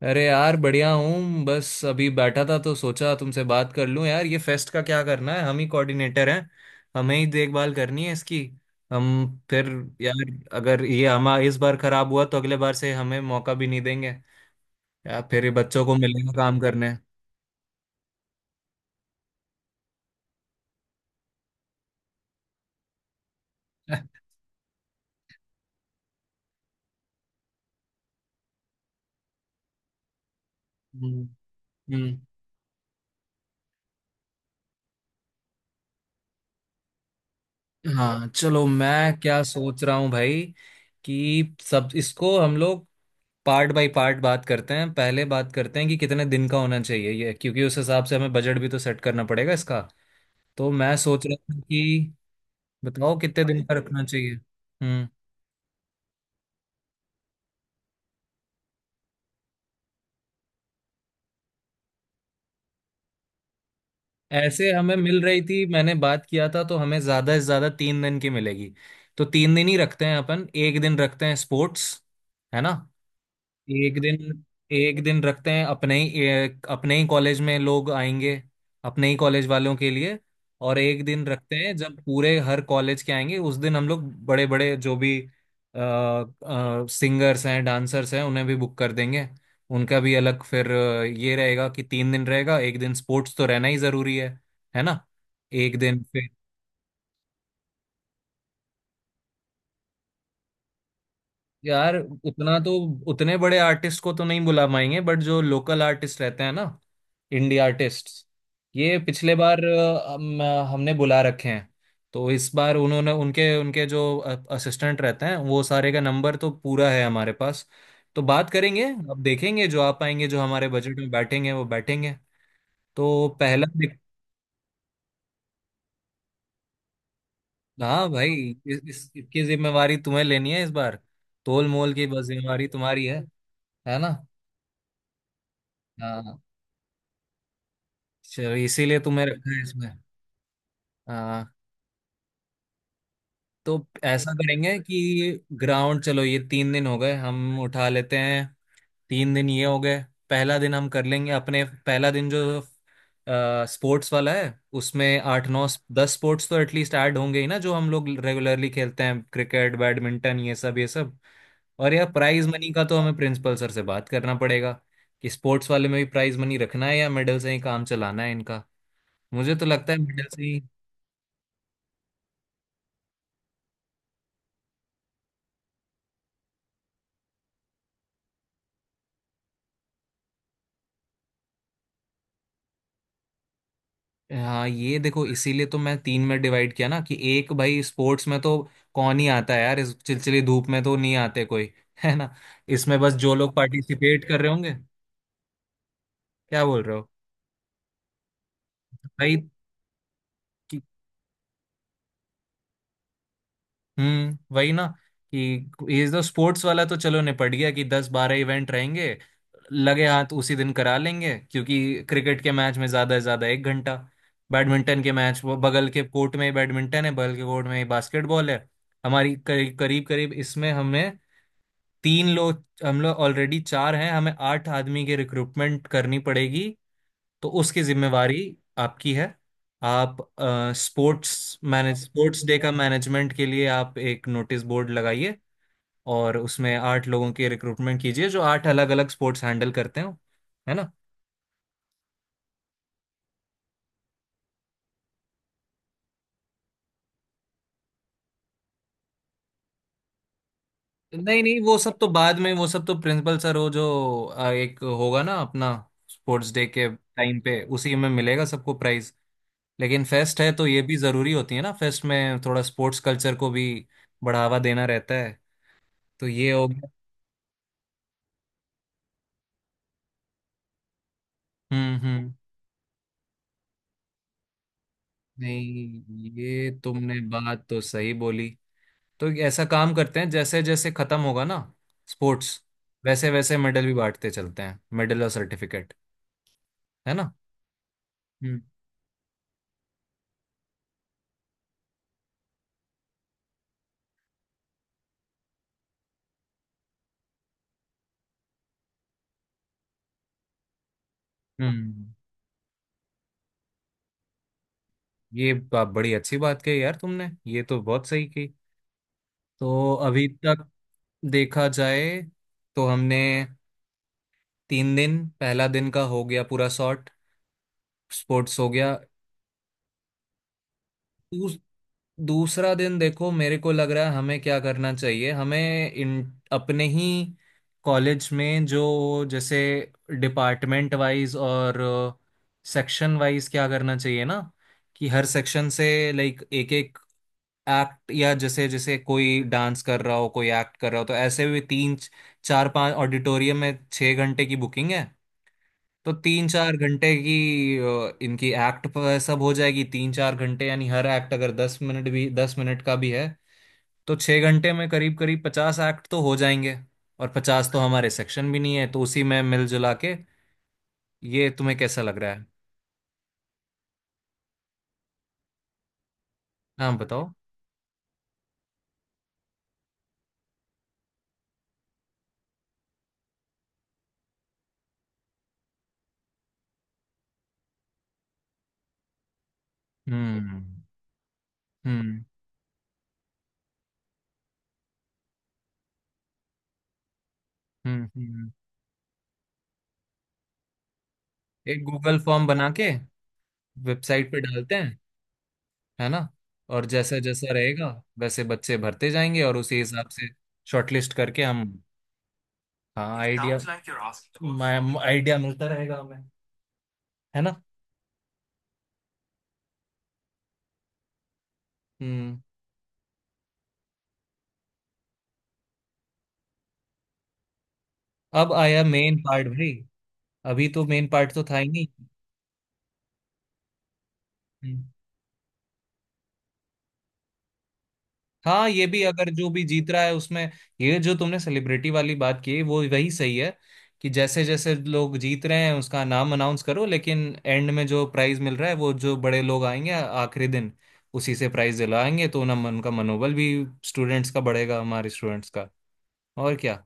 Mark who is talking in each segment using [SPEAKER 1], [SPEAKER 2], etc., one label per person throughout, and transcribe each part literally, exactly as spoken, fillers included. [SPEAKER 1] अरे यार बढ़िया हूँ। बस अभी बैठा था तो सोचा तुमसे बात कर लूँ। यार ये फेस्ट का क्या करना है? हम ही कोऑर्डिनेटर हैं, हमें ही देखभाल करनी है इसकी। हम फिर यार अगर ये हम इस बार खराब हुआ तो अगले बार से हमें मौका भी नहीं देंगे। यार फिर ये बच्चों को मिलेगा काम करने। हम्म। हम्म। हाँ चलो मैं क्या सोच रहा हूँ भाई, कि सब इसको हम लोग पार्ट बाय पार्ट बात करते हैं। पहले बात करते हैं कि कितने दिन का होना चाहिए ये, क्योंकि उस हिसाब से हमें बजट भी तो सेट करना पड़ेगा इसका। तो मैं सोच रहा था कि बताओ कितने दिन का रखना चाहिए। हम्म। ऐसे हमें मिल रही थी, मैंने बात किया था तो हमें ज्यादा से ज्यादा तीन दिन की मिलेगी। तो तीन दिन ही रखते हैं अपन। एक दिन रखते हैं स्पोर्ट्स, है ना। एक दिन, एक दिन रखते हैं अपने ही एक- अपने ही कॉलेज में लोग आएंगे, अपने ही कॉलेज वालों के लिए। और एक दिन रखते हैं जब पूरे हर कॉलेज के आएंगे, उस दिन हम लोग बड़े बड़े जो भी सिंगर्स हैं डांसर्स हैं उन्हें भी बुक कर देंगे। उनका भी अलग फिर अ, ये रहेगा कि तीन दिन रहेगा। एक दिन स्पोर्ट्स तो रहना ही जरूरी है है ना। एक दिन फिर यार उतना तो, उतने बड़े आर्टिस्ट को तो नहीं बुला पाएंगे बट जो लोकल आर्टिस्ट रहते हैं ना, इंडी आर्टिस्ट। ये पिछले बार अ, हम, हमने बुला रखे हैं। तो इस बार उन्होंने उनके उनके जो असिस्टेंट रहते हैं वो सारे का नंबर तो पूरा है हमारे पास। तो बात करेंगे, अब देखेंगे जो आ पाएंगे, जो हमारे बजट में बैठेंगे वो बैठेंगे। तो पहला देख- हाँ भाई, इस, इस, इसकी जिम्मेवारी तुम्हें लेनी है इस बार। तोल मोल की बस जिम्मेवारी तुम्हारी है है ना। हाँ चलो इसीलिए तुम्हें रखा है इसमें। हाँ तो ऐसा करेंगे कि ग्राउंड, चलो ये तीन दिन हो गए हम उठा लेते हैं। तीन दिन ये हो गए। पहला दिन हम कर लेंगे अपने। पहला दिन जो स्पोर्ट्स वाला है, उसमें आठ नौ दस स्पोर्ट्स तो एटलीस्ट ऐड होंगे ही ना जो हम लोग रेगुलरली खेलते हैं। क्रिकेट बैडमिंटन ये सब ये सब। और यह प्राइज मनी का तो हमें प्रिंसिपल सर से बात करना पड़ेगा कि स्पोर्ट्स वाले में भी प्राइज मनी रखना है या मेडल से ही काम चलाना है इनका। मुझे तो लगता है मेडल से ही। हाँ ये देखो इसीलिए तो मैं तीन में डिवाइड किया ना कि एक भाई स्पोर्ट्स में तो कौन ही आता है यार, इस चिलचिली धूप में तो नहीं आते कोई है ना। इसमें बस जो लोग पार्टिसिपेट कर रहे होंगे। क्या बोल रहे हो भाई। हम्म वही ना कि ये तो स्पोर्ट्स वाला तो चलो निपट गया कि दस बारह इवेंट रहेंगे। लगे हाथ उसी दिन करा लेंगे, क्योंकि क्रिकेट के मैच में ज्यादा से ज्यादा एक घंटा, बैडमिंटन के मैच वो बगल के कोर्ट में ही बैडमिंटन है, बगल के कोर्ट में ही बास्केटबॉल है। हमारी करीब करीब करीब इसमें हमें तीन लोग, हम लोग ऑलरेडी चार हैं, हमें आठ आदमी की रिक्रूटमेंट करनी पड़ेगी। तो उसकी जिम्मेवारी आपकी है। आप स्पोर्ट्स मैनेज, स्पोर्ट्स डे का मैनेजमेंट के लिए आप एक नोटिस बोर्ड लगाइए और उसमें आठ लोगों की रिक्रूटमेंट कीजिए जो आठ अलग अलग स्पोर्ट्स हैंडल करते हो, है ना। नहीं नहीं वो सब तो बाद में। वो सब तो प्रिंसिपल सर हो जो अ, एक होगा ना अपना स्पोर्ट्स डे के टाइम पे, उसी में मिलेगा सबको प्राइज। लेकिन फेस्ट है तो ये भी जरूरी होती है ना, फेस्ट में थोड़ा स्पोर्ट्स कल्चर को भी बढ़ावा देना रहता है। तो ये हो गया। हम्म। हम्म। नहीं ये तुमने बात तो सही बोली। तो ऐसा काम करते हैं, जैसे जैसे खत्म होगा ना स्पोर्ट्स, वैसे वैसे मेडल भी बांटते चलते हैं, मेडल और सर्टिफिकेट, है ना। हम्म। हम्म। ये बा- बड़ी अच्छी बात कही यार तुमने, ये तो बहुत सही की। तो अभी तक देखा जाए तो हमने तीन दिन, पहला दिन का हो गया पूरा सॉर्ट। स्पोर्ट्स हो गया। दूस, दूसरा दिन देखो मेरे को लग रहा है हमें क्या करना चाहिए, हमें इन अपने ही कॉलेज में जो जैसे डिपार्टमेंट वाइज और सेक्शन वाइज क्या करना चाहिए ना, कि हर सेक्शन से लाइक एक एक एक्ट, या जैसे जैसे कोई डांस कर रहा हो कोई एक्ट कर रहा हो। तो ऐसे भी तीन चार पांच, ऑडिटोरियम में छः घंटे की बुकिंग है। तो तीन चार घंटे की अ, इनकी एक्ट पर सब हो जाएगी। तीन चार घंटे यानी हर एक्ट अगर दस मिनट भी, दस मिनट का भी है तो छः घंटे में करीब करीब पचास एक्ट तो हो जाएंगे। और पचास तो हमारे सेक्शन भी नहीं है तो उसी में मिलजुला के। ये तुम्हें कैसा लग रहा है? हाँ बताओ। हम्म। हम्म। हम्म। हम्म। एक गूगल फॉर्म बना के वेबसाइट पे डालते हैं, है ना। और जैसा जैसा रहेगा वैसे बच्चे भरते जाएंगे और उसी हिसाब से शॉर्टलिस्ट करके हम। हाँ आइडिया food. मैं something. आइडिया मिलता रहेगा हमें, है ना। हम्म। अब आया मेन पार्ट भाई। अभी तो मेन पार्ट तो था ही नहीं। हम्म, हाँ ये भी अगर जो भी जीत रहा है उसमें, ये जो तुमने सेलिब्रिटी वाली बात की वो वही सही है। कि जैसे जैसे लोग जीत रहे हैं उसका नाम अनाउंस करो, लेकिन एंड में जो प्राइज मिल रहा है वो जो बड़े लोग आएंगे आखिरी दिन, उसी से प्राइज दिलाएंगे। तो ना मन उनका, मनोबल भी स्टूडेंट्स का बढ़ेगा, हमारे स्टूडेंट्स का। और क्या।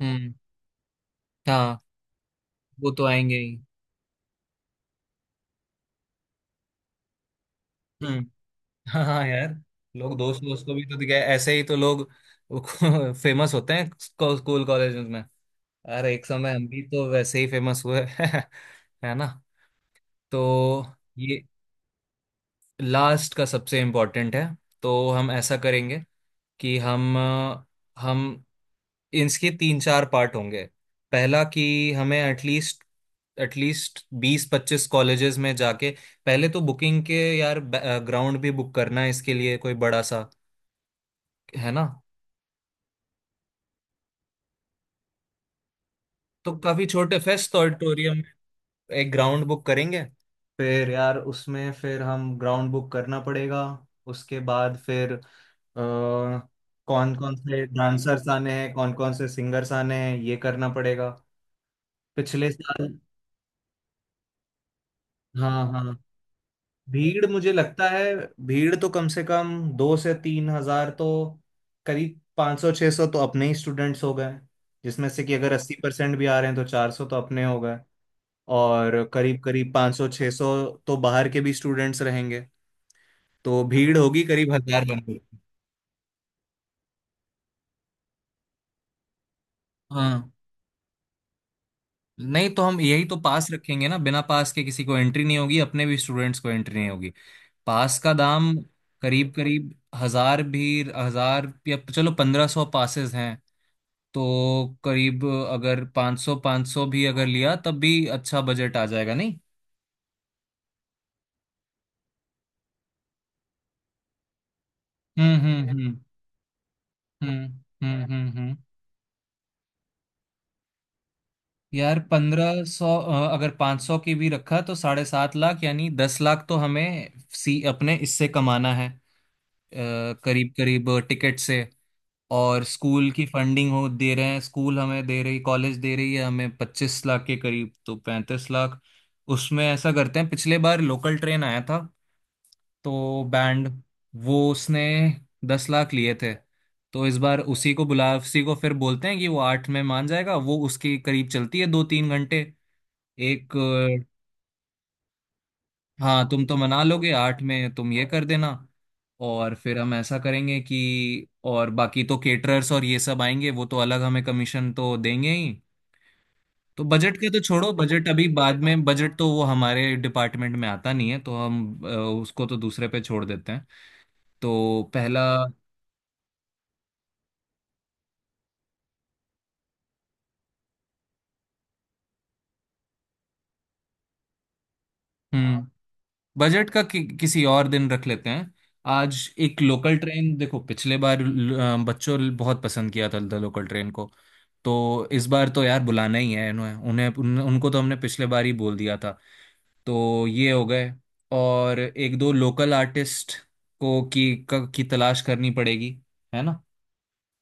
[SPEAKER 1] हम्म। हाँ वो तो आएंगे ही। हम्म, हाँ हाँ यार लोग दोस्त दोस्त को भी तो दिखाए, ऐसे ही तो लोग फेमस होते हैं स्कूल कॉलेज में। अरे एक समय हम भी तो वैसे ही फेमस हुए है ना। तो ये लास्ट का सबसे इम्पोर्टेंट है। तो हम ऐसा करेंगे कि हम अ, हम इसके तीन चार पार्ट होंगे। पहला कि हमें एटलीस्ट, एटलीस्ट बीस पच्चीस कॉलेजेस में जाके, पहले तो बुकिंग के यार, ग्राउंड भी बुक करना है इसके लिए कोई बड़ा सा, है ना। तो काफी छोटे फेस्ट ऑडिटोरियम में। एक ग्राउंड बुक करेंगे। फिर यार उसमें फिर हम ग्राउंड बुक करना पड़ेगा। उसके बाद फिर कौन कौन से डांसर्स आने हैं कौन कौन से सिंगर्स आने हैं ये करना पड़ेगा। पिछले साल हाँ हाँ, भीड़ मुझे लगता है, भीड़ तो कम से कम दो से तीन हजार तो, करीब पाँच सौ छः सौ तो अपने ही स्टूडेंट्स हो गए, जिसमें से कि अगर अस्सी परसेंट भी आ रहे हैं तो चार सौ तो अपने हो गए। और करीब करीब पाँच सौ छः सौ तो बाहर के भी स्टूडेंट्स रहेंगे। तो भीड़ होगी करीब हजार बंदे की। हाँ, नहीं तो हम यही तो पास रखेंगे ना, बिना पास के किसी को एंट्री नहीं होगी, अपने भी स्टूडेंट्स को एंट्री नहीं होगी। पास का दाम करीब करीब हजार भी, हजार या चलो पंद्रह सौ पासेस हैं। तो करीब अगर पाँच सौ पाँच सौ भी अगर लिया तब भी अच्छा बजट आ जाएगा नहीं। हम्म। हम्म। हम्म। हम्म। हम्म। हम्म। हम्म। यार पंद्रह सौ, अगर पाँच सौ की भी रखा तो साढ़े सात लाख, यानी दस लाख तो हमें सी अपने इससे कमाना है करीब करीब टिकट से। और स्कूल की फंडिंग हो दे रहे हैं, स्कूल हमें दे रही, कॉलेज दे रही है हमें पच्चीस लाख के करीब, तो पैंतीस लाख। उसमें ऐसा करते हैं पिछले बार लोकल ट्रेन आया था, तो बैंड वो उसने दस लाख लिए थे। तो इस बार उसी को बुला, उसी को फिर बोलते हैं कि वो आठ में मान जाएगा, वो उसके करीब चलती है दो तीन घंटे एक। हाँ तुम तो मना लोगे आठ में, तुम ये कर देना। और फिर हम ऐसा करेंगे कि और बाकी तो केटरर्स और ये सब आएंगे वो तो अलग हमें कमीशन तो देंगे ही। तो बजट के तो छोड़ो बजट अभी बाद में, बजट तो वो हमारे डिपार्टमेंट में आता नहीं है तो हम अ, उसको तो दूसरे पे छोड़ देते हैं। तो पहला हम्म बजट का कि, किसी और दिन रख लेते हैं। आज एक लोकल ट्रेन देखो पिछले बार ल- अ, बच्चों ने बहुत पसंद किया था द लोकल ट्रेन को। तो इस बार तो यार बुलाना ही है इन्हें, उन्हें उन, उनको तो हमने पिछले बार ही बोल दिया था। तो ये हो गए। और एक दो लोकल आर्टिस्ट को की क, की तलाश करनी पड़ेगी, है ना।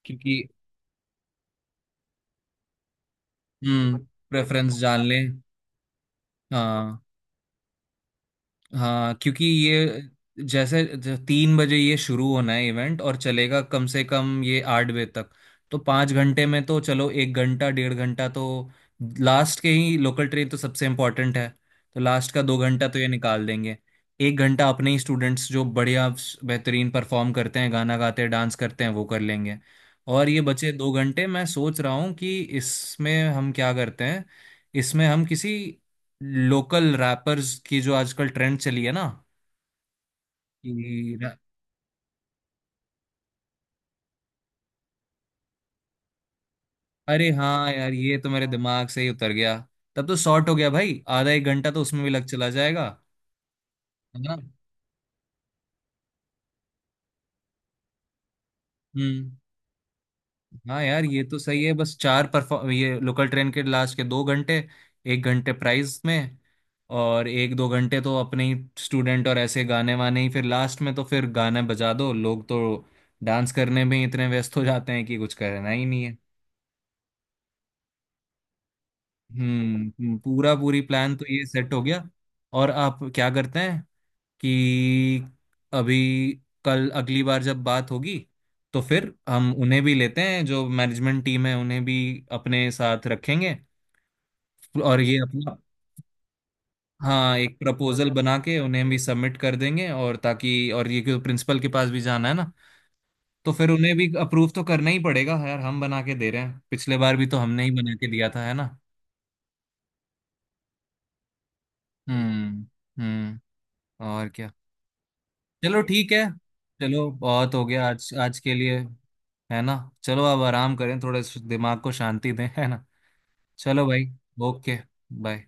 [SPEAKER 1] क्योंकि हम्म प्रेफरेंस जान लें। हाँ हाँ क्योंकि ये जैसे ज- तीन बजे ये शुरू होना है इवेंट और चलेगा कम से कम ये आठ बजे तक। तो पाँच घंटे में तो चलो एक घंटा डेढ़ घंटा तो लास्ट के ही, लोकल ट्रेन तो सबसे इम्पोर्टेंट है। तो लास्ट का दो घंटा तो ये निकाल देंगे। एक घंटा अपने ही स्टूडेंट्स जो बढ़िया स- बेहतरीन परफॉर्म करते हैं गाना गाते हैं डांस करते हैं वो कर लेंगे। और ये बचे दो घंटे, मैं सोच रहा हूँ कि इसमें हम क्या करते हैं। इसमें हम किसी लोकल रैपर्स की जो आजकल ट्रेंड चली है ना, कि रा- अरे हाँ यार ये तो मेरे दिमाग से ही उतर गया। तब तो शॉर्ट हो गया भाई, आधा एक घंटा तो उसमें भी लग चला जाएगा, है ना। हम्म। हाँ यार ये तो सही है। बस चार परफॉर्म ये लोकल ट्रेन के लास्ट के दो घंटे, एक घंटे प्राइज में, और एक दो घंटे तो अपने ही स्टूडेंट और ऐसे गाने वाने ही। फिर लास्ट में तो फिर गाने बजा दो, लोग तो डांस करने में ही इतने व्यस्त हो जाते हैं कि कुछ करना ही नहीं। हम्म। हम्म, पूरा पूरी प्लान तो ये सेट हो गया। और आप क्या करते हैं कि अभी कल अगली बार जब बात होगी तो फिर हम उन्हें भी लेते हैं जो मैनेजमेंट टीम है उन्हें भी अपने साथ रखेंगे। और ये अपना, हाँ एक प्रपोजल बना के उन्हें भी सबमिट कर देंगे, और ताकि, और ये क्यों प्रिंसिपल के पास भी जाना है ना। तो फिर उन्हें भी अप्रूव तो करना ही पड़ेगा यार, हम बना के दे रहे हैं, पिछले बार भी तो हमने ही बना के दिया था, है ना। हम्म। हम्म। और क्या। चलो ठीक है। चलो बहुत हो गया आज, आज के लिए, है ना। चलो अब आराम करें थोड़े, दिमाग को शांति दें, है ना। चलो भाई। ओके। बाय।